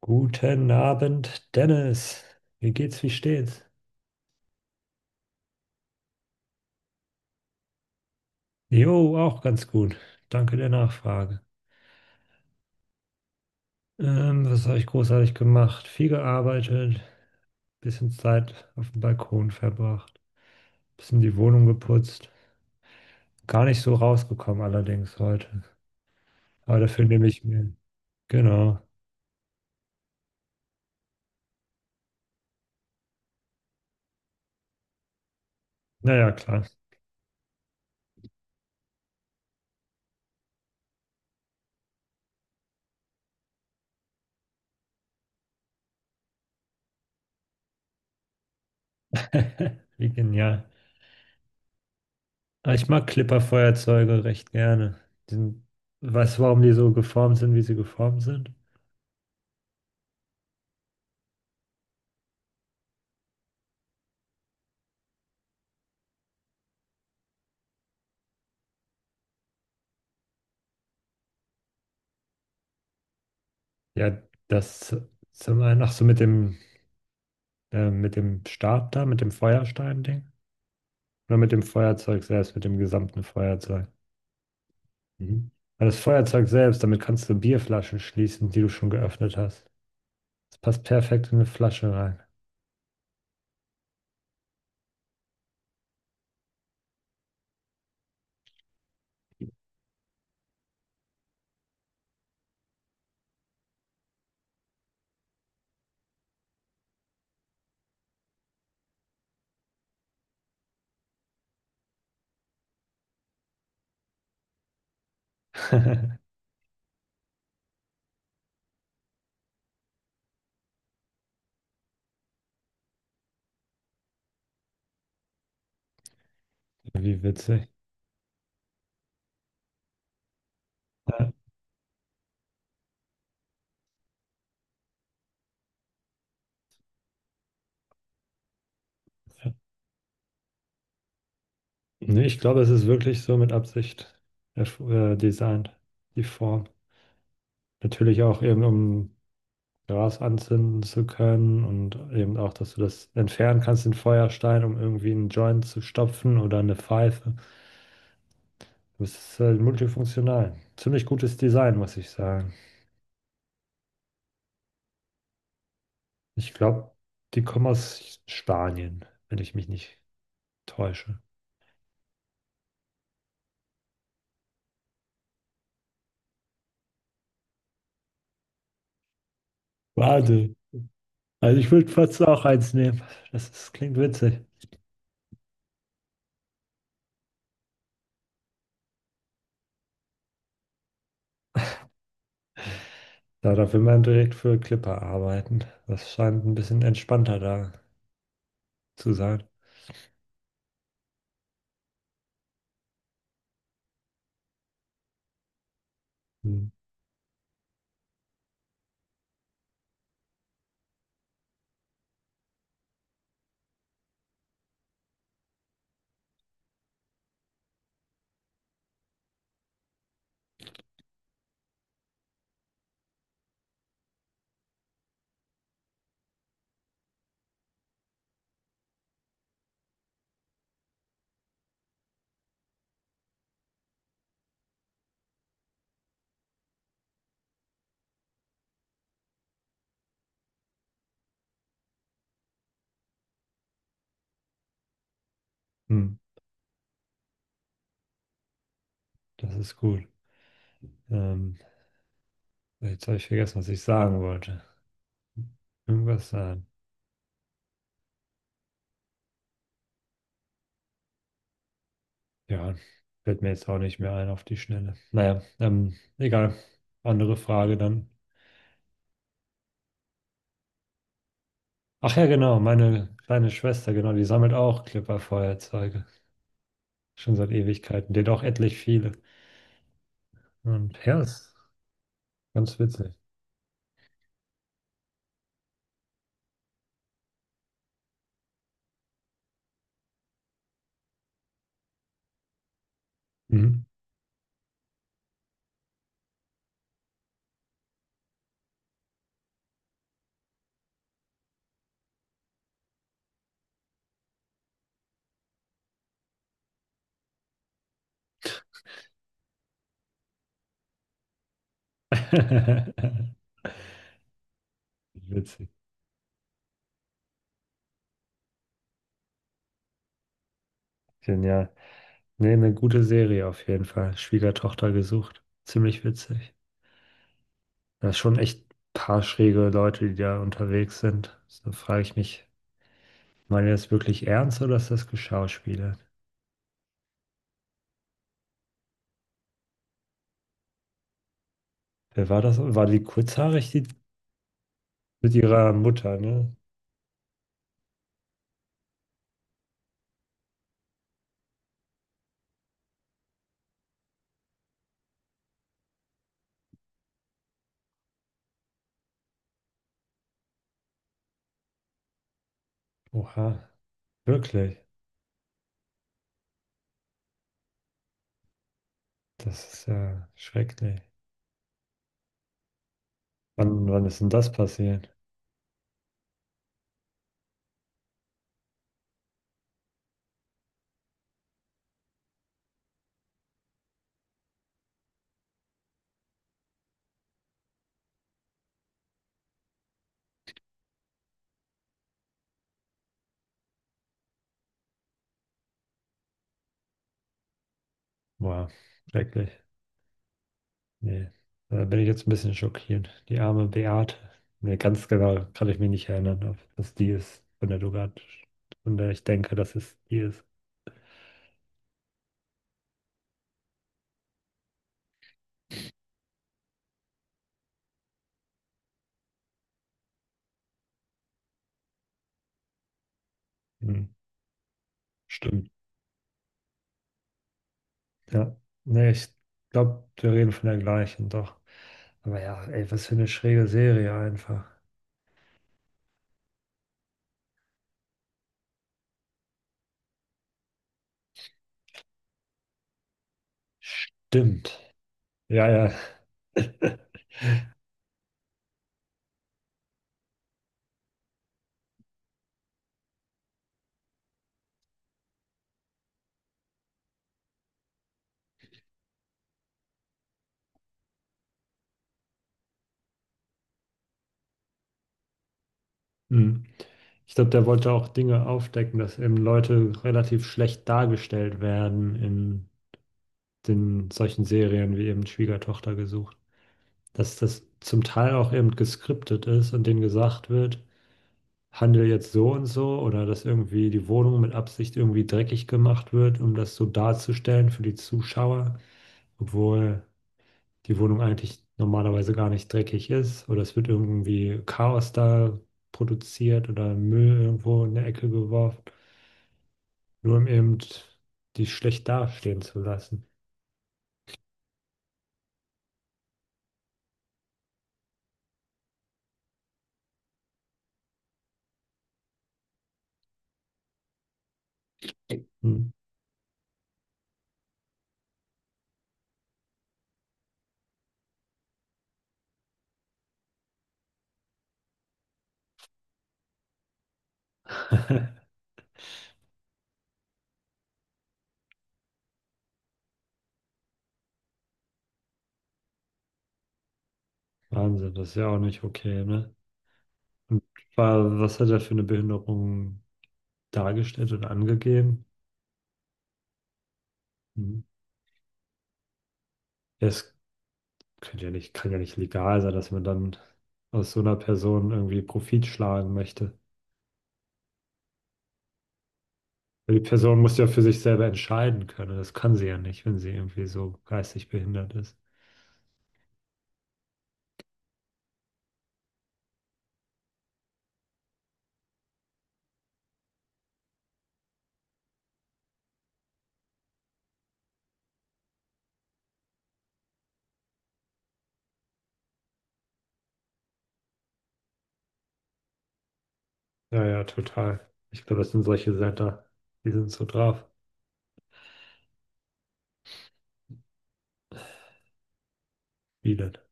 Guten Abend, Dennis. Wie geht's, wie steht's? Jo, auch ganz gut. Danke der Nachfrage. Was habe ich großartig gemacht? Viel gearbeitet, bisschen Zeit auf dem Balkon verbracht, bisschen die Wohnung geputzt. Gar nicht so rausgekommen allerdings heute. Aber dafür nehme ich mir. Genau. Naja, klar. Wie genial. Aber ich mag Clipper-Feuerzeuge recht gerne. Die sind, weißt du, warum die so geformt sind, wie sie geformt sind? Ja, das sind wir noch so mit dem Stab da, mit dem Feuerstein-Ding. Oder mit dem Feuerzeug selbst, mit dem gesamten Feuerzeug. Mhm. Weil das Feuerzeug selbst, damit kannst du Bierflaschen schließen, die du schon geöffnet hast. Das passt perfekt in eine Flasche rein. Wie witzig. Ja. Nee, ich glaube, es ist wirklich so mit Absicht erf- designt, die Form. Natürlich auch eben, um Gras anzünden zu können und eben auch, dass du das entfernen kannst, den Feuerstein, um irgendwie einen Joint zu stopfen oder eine Pfeife. Das ist halt multifunktional. Ziemlich gutes Design, muss ich sagen. Ich glaube, die kommen aus Spanien, wenn ich mich nicht täusche. Wahnsinn. Also ich würde fast auch eins nehmen. Das ist, klingt witzig. Ja, da will man direkt für Clipper arbeiten. Das scheint ein bisschen entspannter da zu sein. Hm. Hm. Das ist gut. Ähm, Jetzt habe ich vergessen, was ich sagen wollte. Irgendwas sagen. Ja, fällt mir jetzt auch nicht mehr ein auf die Schnelle. Naja, egal. Andere Frage dann. Ach ja, genau, meine kleine Schwester, genau, die sammelt auch Clipper-Feuerzeuge. Schon seit Ewigkeiten. Die hat auch etlich viele. Und ja, ist ganz witzig. Mhm. Witzig. Genial. Nee, eine gute Serie auf jeden Fall. Schwiegertochter gesucht. Ziemlich witzig. Da ist schon echt ein paar schräge Leute, die da unterwegs sind. So frage ich mich, meinen die das wirklich ernst oder ist das geschauspielert? Wer war das? War die kurzhaarig, die mit ihrer Mutter, ne? Oha, wirklich. Das ist ja schrecklich. Wann, wann ist denn das passiert? Boah, schrecklich. Nee, da bin ich jetzt ein bisschen schockiert. Die arme Beate. Nee, ganz genau kann ich mich nicht erinnern, ob das die ist, von der du grad, von der ich denke, dass es die ist. Hm, stimmt. Ja, nee, ich glaube, wir reden von der gleichen, doch. Aber ja, ey, was für eine schräge Serie einfach. Stimmt. Ja, ja. Hm. Ich glaube, der wollte auch Dinge aufdecken, dass eben Leute relativ schlecht dargestellt werden in den solchen Serien wie eben Schwiegertochter gesucht. Dass das zum Teil auch eben geskriptet ist und denen gesagt wird, handle jetzt so und so oder dass irgendwie die Wohnung mit Absicht irgendwie dreckig gemacht wird, um das so darzustellen für die Zuschauer, obwohl die Wohnung eigentlich normalerweise gar nicht dreckig ist oder es wird irgendwie Chaos da produziert oder Müll irgendwo in der Ecke geworfen, nur um eben die schlecht dastehen zu lassen. Hm. Wahnsinn, das ist ja auch nicht okay, ne? Und was hat er für eine Behinderung dargestellt und angegeben? Hm. Er ist kann ja nicht legal sein, dass man dann aus so einer Person irgendwie Profit schlagen möchte. Weil die Person muss ja für sich selber entscheiden können. Das kann sie ja nicht, wenn sie irgendwie so geistig behindert ist. Ja, ja, total. Ich glaube, das sind solche Setter, die sind so drauf. Wielert.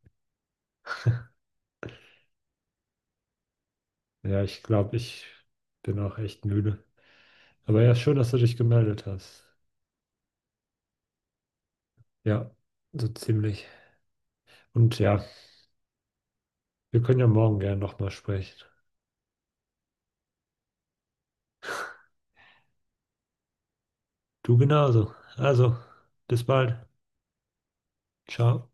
Ja, ich glaube, ich bin auch echt müde. Aber ja, schön, dass du dich gemeldet hast. Ja, so ziemlich. Und ja, wir können ja morgen gerne nochmal sprechen. Du genauso. Also, bis bald. Ciao.